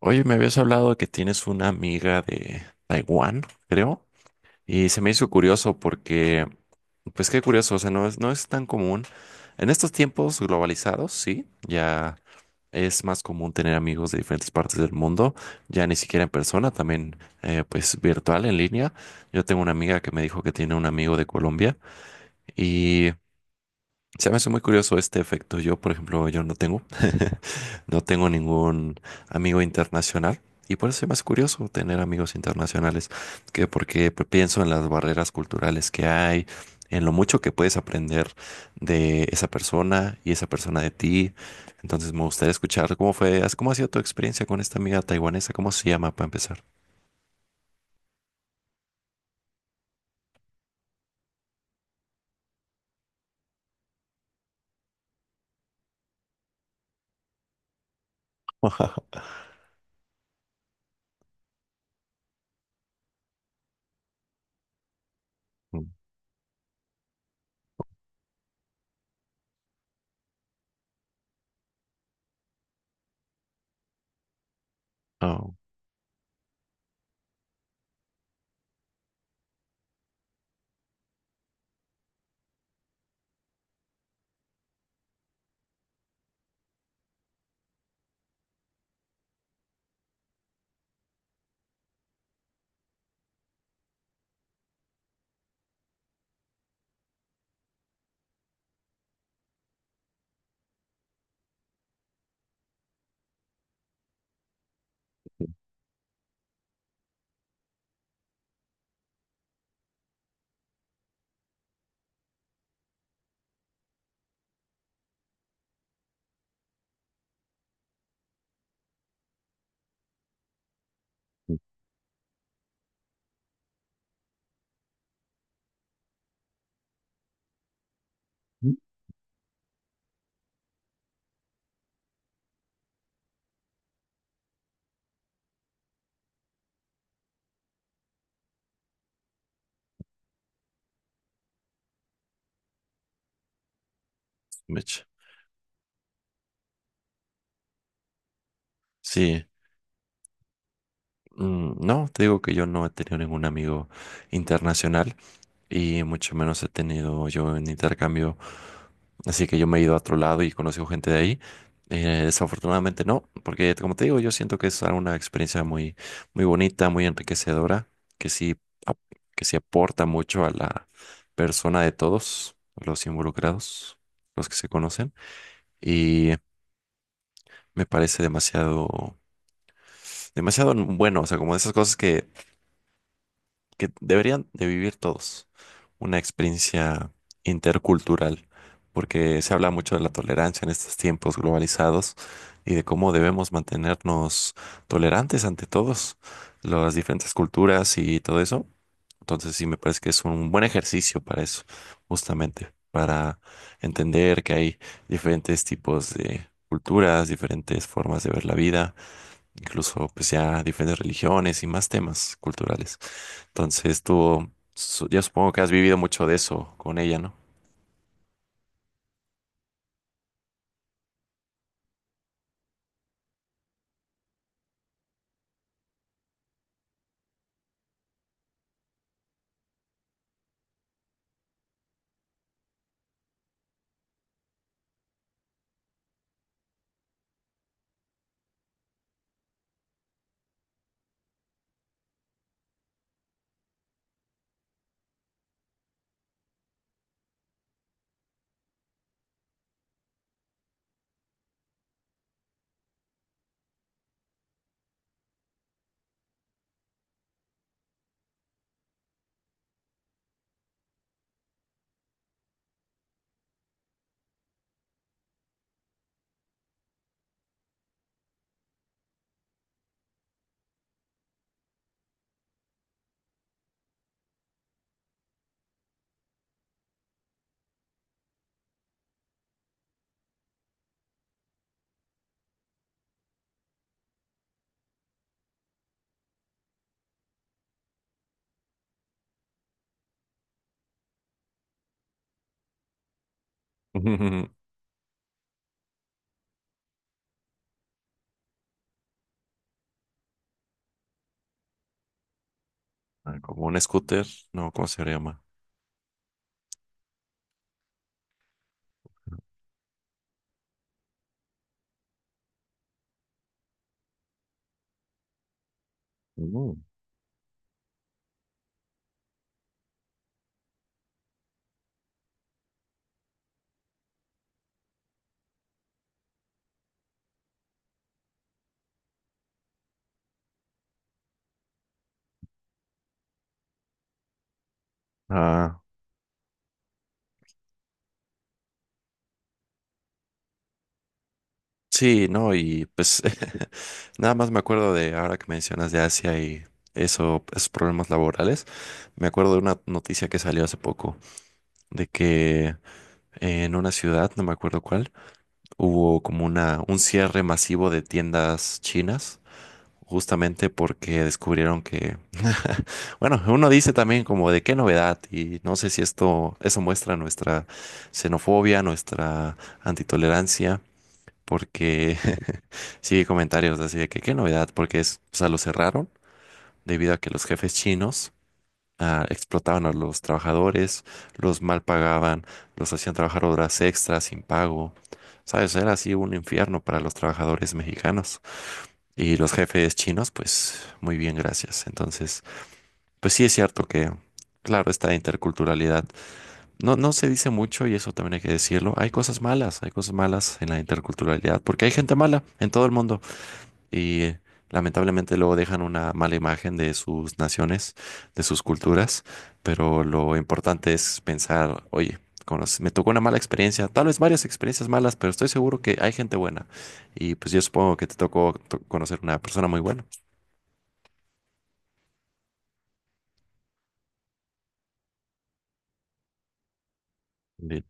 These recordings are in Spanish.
Oye, me habías hablado que tienes una amiga de Taiwán, creo, y se me hizo curioso porque, pues qué curioso, o sea, no es tan común. En estos tiempos globalizados, sí, ya es más común tener amigos de diferentes partes del mundo, ya ni siquiera en persona, también pues virtual, en línea. Yo tengo una amiga que me dijo que tiene un amigo de Colombia y se me hace muy curioso este efecto. Yo, por ejemplo, yo no tengo, no tengo ningún amigo internacional y por eso es más curioso tener amigos internacionales, que porque pues, pienso en las barreras culturales que hay, en lo mucho que puedes aprender de esa persona y esa persona de ti. Entonces me gustaría escuchar cómo fue, cómo ha sido tu experiencia con esta amiga taiwanesa, cómo se llama para empezar. Mm. Oh. Mitch. Sí. No, te digo que yo no he tenido ningún amigo internacional. Y mucho menos he tenido yo en intercambio. Así que yo me he ido a otro lado y conozco gente de ahí. Desafortunadamente no, porque como te digo, yo siento que es una experiencia muy, muy bonita, muy enriquecedora, que sí, ap- que sí aporta mucho a la persona de todos los involucrados, los que se conocen. Y me parece demasiado, demasiado bueno, o sea, como de esas cosas que deberían de vivir todos, una experiencia intercultural, porque se habla mucho de la tolerancia en estos tiempos globalizados y de cómo debemos mantenernos tolerantes ante todos, las diferentes culturas y todo eso. Entonces sí me parece que es un buen ejercicio para eso, justamente, para entender que hay diferentes tipos de culturas, diferentes formas de ver la vida, incluso pues ya diferentes religiones y más temas culturales. Entonces tú, yo supongo que has vivido mucho de eso con ella, ¿no? Ah, como un scooter, no, ¿cómo se llama? Mm. Ah, sí, no, y pues nada más me acuerdo de ahora que mencionas de Asia y eso, esos problemas laborales. Me acuerdo de una noticia que salió hace poco de que en una ciudad, no me acuerdo cuál, hubo como una, un cierre masivo de tiendas chinas justamente porque descubrieron que, bueno, uno dice también como de qué novedad y no sé si esto, eso muestra nuestra xenofobia, nuestra antitolerancia, porque sí hay comentarios así de que qué novedad, porque es, o sea, lo cerraron debido a que los jefes chinos explotaban a los trabajadores, los mal pagaban, los hacían trabajar horas extras sin pago, ¿sabes? Era así un infierno para los trabajadores mexicanos. Y los jefes chinos, pues muy bien, gracias. Entonces, pues sí es cierto que, claro, esta interculturalidad no se dice mucho y eso también hay que decirlo. Hay cosas malas en la interculturalidad porque hay gente mala en todo el mundo y lamentablemente luego dejan una mala imagen de sus naciones, de sus culturas, pero lo importante es pensar, oye, me tocó una mala experiencia, tal vez varias experiencias malas, pero estoy seguro que hay gente buena y pues yo supongo que te tocó conocer una persona muy buena. Bien.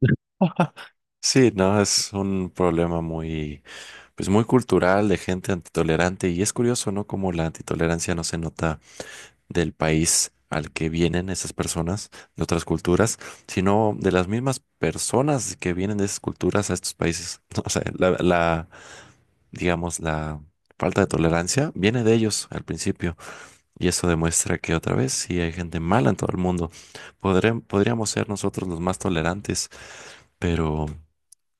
Sí, no, es un problema muy, pues muy cultural de gente antitolerante y es curioso, ¿no? Como la antitolerancia no se nota del país al que vienen esas personas de otras culturas, sino de las mismas personas que vienen de esas culturas a estos países. O sea, digamos, la falta de tolerancia viene de ellos al principio y eso demuestra que otra vez sí hay gente mala en todo el mundo. Podríamos ser nosotros los más tolerantes. Pero,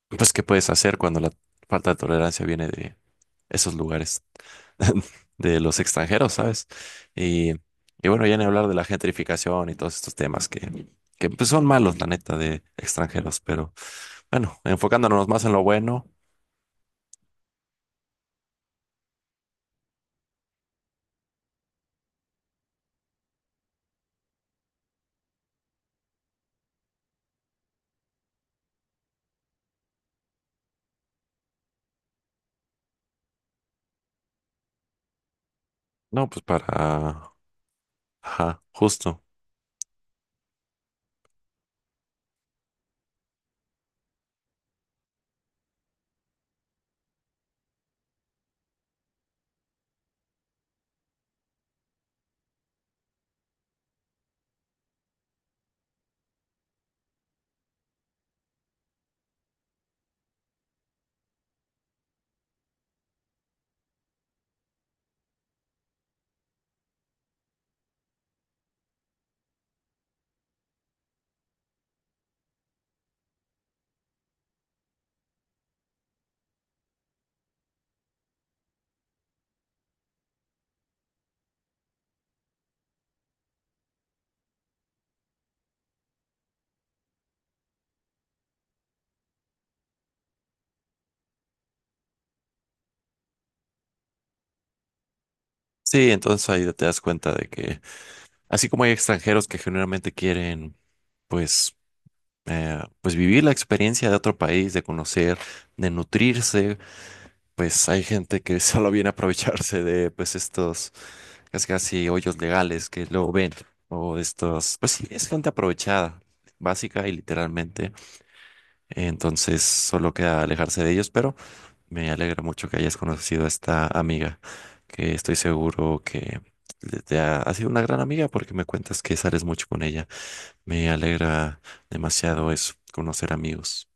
pues, ¿qué puedes hacer cuando la falta de tolerancia viene de esos lugares, de los extranjeros, ¿sabes? Y, y bueno, ya ni hablar de la gentrificación y todos estos temas que pues, son malos, la neta, de extranjeros. Pero bueno, enfocándonos más en lo bueno, no, pues para, ajá, justo. Sí, entonces ahí te das cuenta de que, así como hay extranjeros que generalmente quieren, pues, pues vivir la experiencia de otro país, de conocer, de nutrirse, pues hay gente que solo viene a aprovecharse de pues estos casi casi hoyos legales que luego ven o de estos, pues sí, es gente aprovechada, básica y literalmente. Entonces solo queda alejarse de ellos, pero me alegra mucho que hayas conocido a esta amiga, que estoy seguro que ha sido una gran amiga porque me cuentas que sales mucho con ella. Me alegra demasiado eso, conocer amigos.